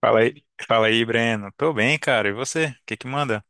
Fala aí, Breno. Tô bem, cara. E você? O que que manda?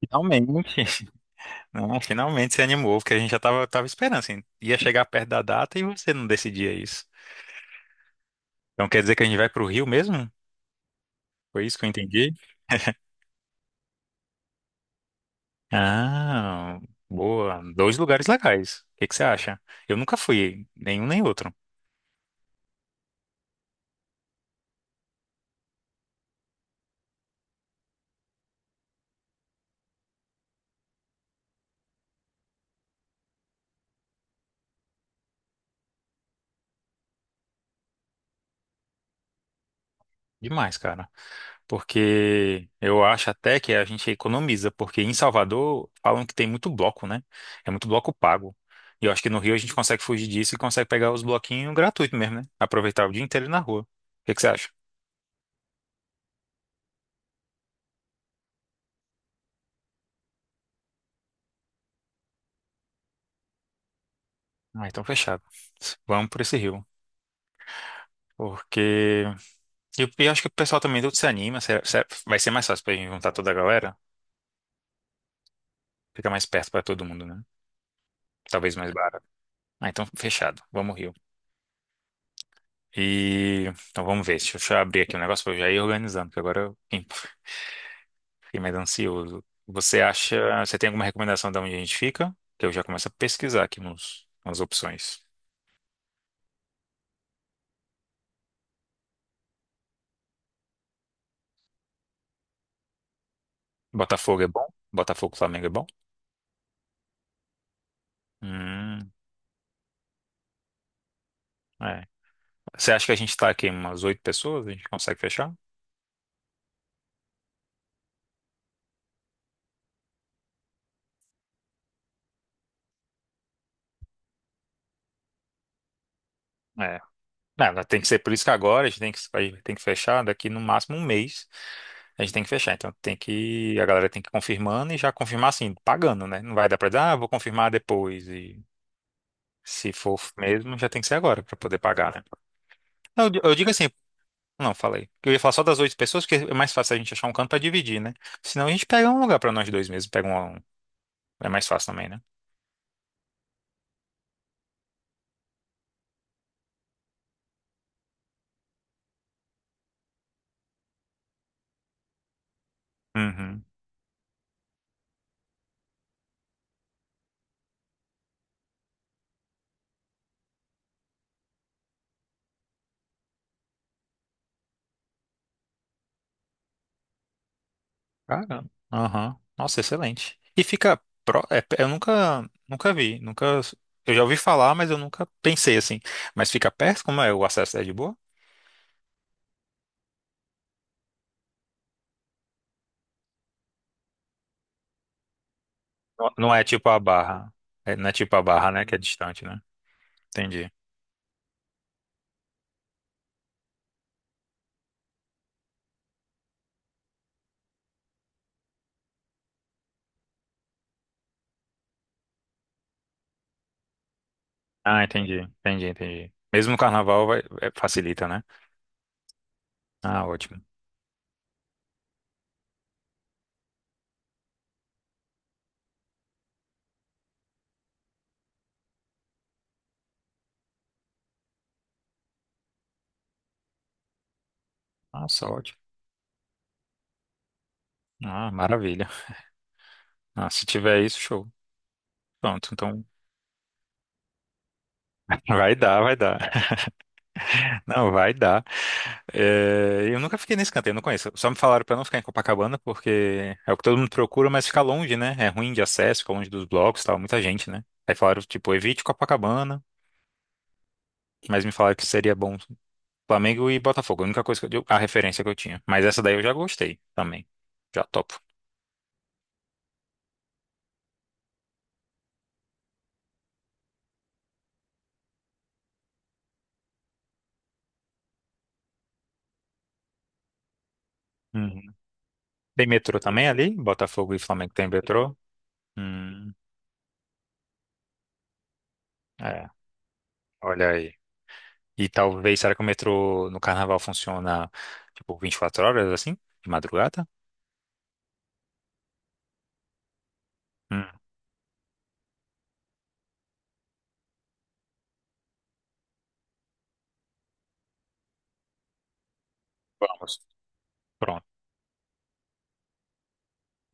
Finalmente. Não, finalmente se animou, porque a gente já tava esperando, assim. Ia chegar perto da data e você não decidia isso. Então quer dizer que a gente vai pro Rio mesmo? Foi isso que eu entendi? Ah, boa. Dois lugares legais. O que que você acha? Eu nunca fui, nenhum nem outro. Demais, cara. Porque eu acho até que a gente economiza, porque em Salvador falam que tem muito bloco, né? É muito bloco pago. E eu acho que no Rio a gente consegue fugir disso e consegue pegar os bloquinhos gratuitos mesmo, né? Aproveitar o dia inteiro na rua. O que que você acha? Ah, então fechado. Vamos por esse Rio. Porque. E eu acho que o pessoal também tudo se anima. Vai ser mais fácil pra gente juntar toda a galera. Fica mais perto pra todo mundo, né? Talvez mais barato. Ah, então fechado. Vamos Rio. E. Então vamos ver. Deixa eu abrir aqui o negócio pra eu já ir organizando, que agora eu fiquei mais ansioso. Você acha, você tem alguma recomendação de onde a gente fica? Que eu já começo a pesquisar aqui nas opções. Botafogo é bom? Botafogo, Flamengo é bom? Hum, é. Você acha que a gente tá aqui umas 8 pessoas? A gente consegue fechar? É. Não, tem que ser por isso que agora a gente tem que tem que fechar daqui no máximo um mês. A gente tem que fechar. Então tem que, a galera tem que ir confirmando e já confirmar assim, pagando, né? Não vai dar pra dizer, ah, vou confirmar depois. E se for mesmo, já tem que ser agora pra poder pagar, né? Não, eu digo assim, não, falei. Eu ia falar só das 8 pessoas, porque é mais fácil a gente achar um canto pra dividir, né? Senão a gente pega um lugar pra nós dois mesmo. Pega um. É mais fácil também, né? Uhum. Caramba. Aham. Nossa, excelente. E fica. É, eu nunca vi. Nunca. Eu já ouvi falar, mas eu nunca pensei assim. Mas fica perto? Como é? O acesso é de boa? Não é tipo a barra. É, não é tipo a barra, né? Que é distante, né? Entendi. Ah, entendi. Entendi. Mesmo no carnaval vai, é, facilita, né? Ah, ótimo. Nossa, ótimo. Ah, maravilha. Ah, se tiver isso, show. Pronto, então. Vai dar, vai dar. Não, vai dar. É, eu nunca fiquei nesse canto, eu não conheço. Só me falaram pra não ficar em Copacabana, porque é o que todo mundo procura, mas fica longe, né? É ruim de acesso, fica longe dos blocos, e tal, muita gente, né? Aí falaram, tipo, evite Copacabana, mas me falaram que seria bom Flamengo e Botafogo, a única coisa a referência que eu tinha. Mas essa daí eu já gostei também. Já topo. Uhum. Tem metrô também ali? Botafogo e Flamengo tem metrô? Hum, é, olha aí. E talvez, será que o metrô no carnaval funciona tipo 24 horas assim? De madrugada? Hum, vamos. Pronto.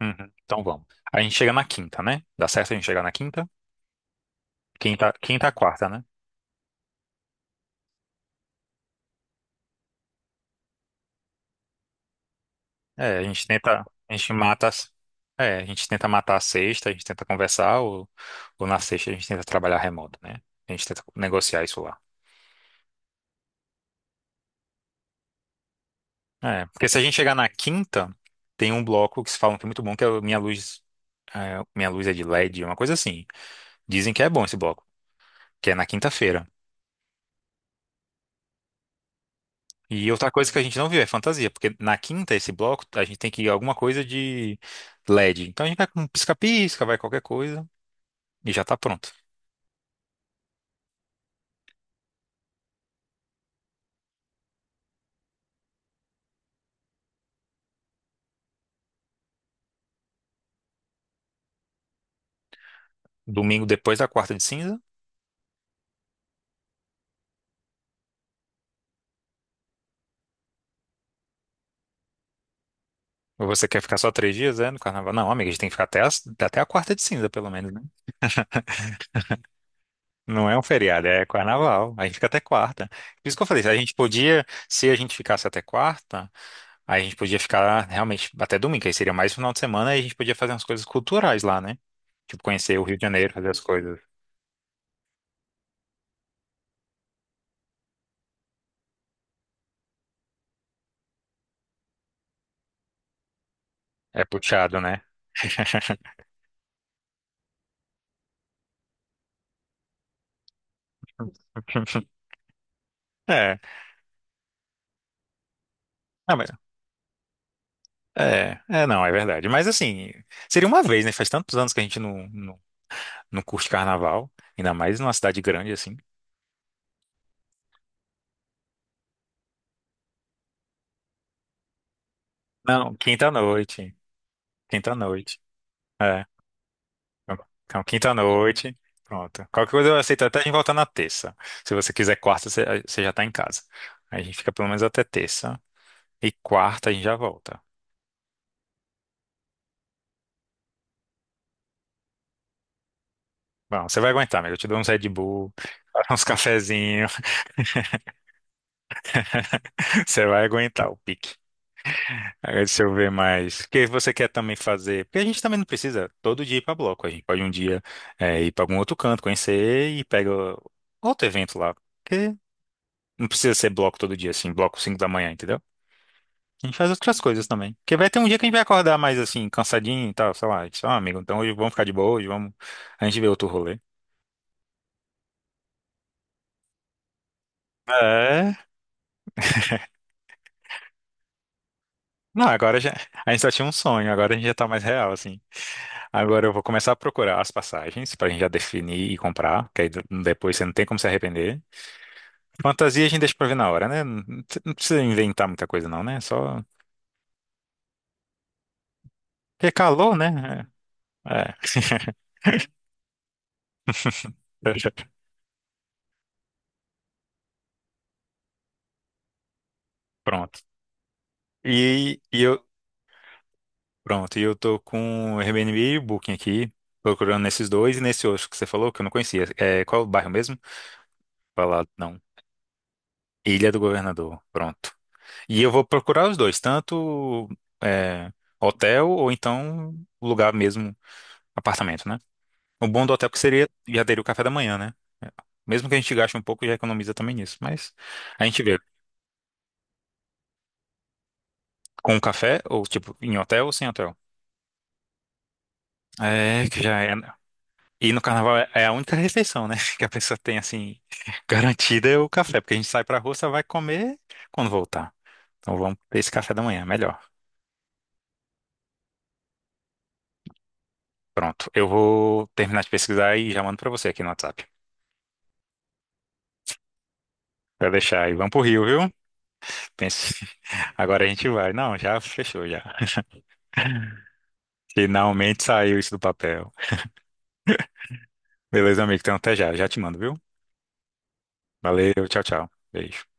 Uhum, então vamos. A gente chega na quinta, né? Dá certo a gente chegar na quinta? A quarta, né? É, a gente tenta, a gente mata, as- é, a gente tenta matar a sexta, a gente tenta conversar, ou na sexta a gente tenta trabalhar remoto, né? A gente tenta negociar isso lá. É, porque se a gente chegar na quinta, tem um bloco que se falam que é muito bom, que é o Minha Luz é de LED, uma coisa assim. Dizem que é bom esse bloco, que é na quinta-feira. E outra coisa que a gente não viu é fantasia, porque na quinta, esse bloco, a gente tem que ir alguma coisa de LED. Então a gente vai com pisca-pisca, vai qualquer coisa e já tá pronto. Domingo depois da quarta de cinza. Ou você quer ficar só três dias, é, no carnaval? Não, amiga, a gente tem que ficar até a quarta de cinza, pelo menos, né? Não é um feriado, é carnaval. A gente fica até quarta. Por isso que eu falei, se a gente ficasse até quarta. Aí a gente podia ficar realmente até domingo, aí seria mais final de semana e a gente podia fazer umas coisas culturais lá, né? Tipo, conhecer o Rio de Janeiro, fazer as coisas. É puxado, né? É, ah, mas- é, não, é verdade. Mas assim, seria uma vez, né? Faz tantos anos que a gente não curte carnaval, ainda mais numa cidade grande assim. Não, quinta-noite. Quinta-noite. Então, quinta-noite. Pronto. Qualquer coisa eu aceito até a gente voltar na terça. Se você quiser quarta, você já tá em casa. Aí a gente fica pelo menos até terça. E quarta a gente já volta. Bom, você vai aguentar, amigo. Eu te dou uns Red Bull, uns cafezinhos. Você vai aguentar o pique. Aí, deixa eu ver mais. O que você quer também fazer? Porque a gente também não precisa todo dia ir pra bloco. A gente pode um dia ir pra algum outro canto, conhecer e pega outro evento lá. Porque não precisa ser bloco todo dia, assim, bloco 5 da manhã, entendeu? A gente faz outras coisas também. Porque vai ter um dia que a gente vai acordar mais assim, cansadinho e tal, sei lá. Só, ah, amigo, então hoje vamos ficar de boa, hoje vamos. A gente vê outro rolê. É. Não, agora já. A gente só tinha um sonho, agora a gente já tá mais real, assim. Agora eu vou começar a procurar as passagens pra gente já definir e comprar, que aí depois você não tem como se arrepender. Fantasia a gente deixa pra ver na hora, né? Não não precisa inventar muita coisa, não, né? É só. Porque é calor, né? É. É. Pronto. E, e eu, Pronto, e eu tô com o Airbnb e o Booking aqui, procurando nesses dois e nesse outro que você falou, que eu não conhecia. É, qual é o bairro mesmo? Falar, não. Ilha do Governador, pronto. E eu vou procurar os dois, tanto é, hotel ou então lugar mesmo, apartamento, né? O bom do hotel é que seria, já teria o café da manhã, né? Mesmo que a gente gaste um pouco, já economiza também nisso. Mas a gente vê com o café, ou tipo, em hotel ou sem hotel. É, que já é. E no carnaval é a única refeição, né? Que a pessoa tem, assim, garantida é o café. Porque a gente sai pra rua, só vai comer quando voltar. Então vamos ter esse café da manhã, melhor. Pronto. Eu vou terminar de pesquisar e já mando pra você aqui no WhatsApp. Pra deixar aí. Vamos pro Rio, viu? Pense. Agora a gente vai. Não, já fechou, já. Finalmente saiu isso do papel. Beleza, amigo? Então até já. Já te mando, viu? Valeu, tchau, tchau. Beijo.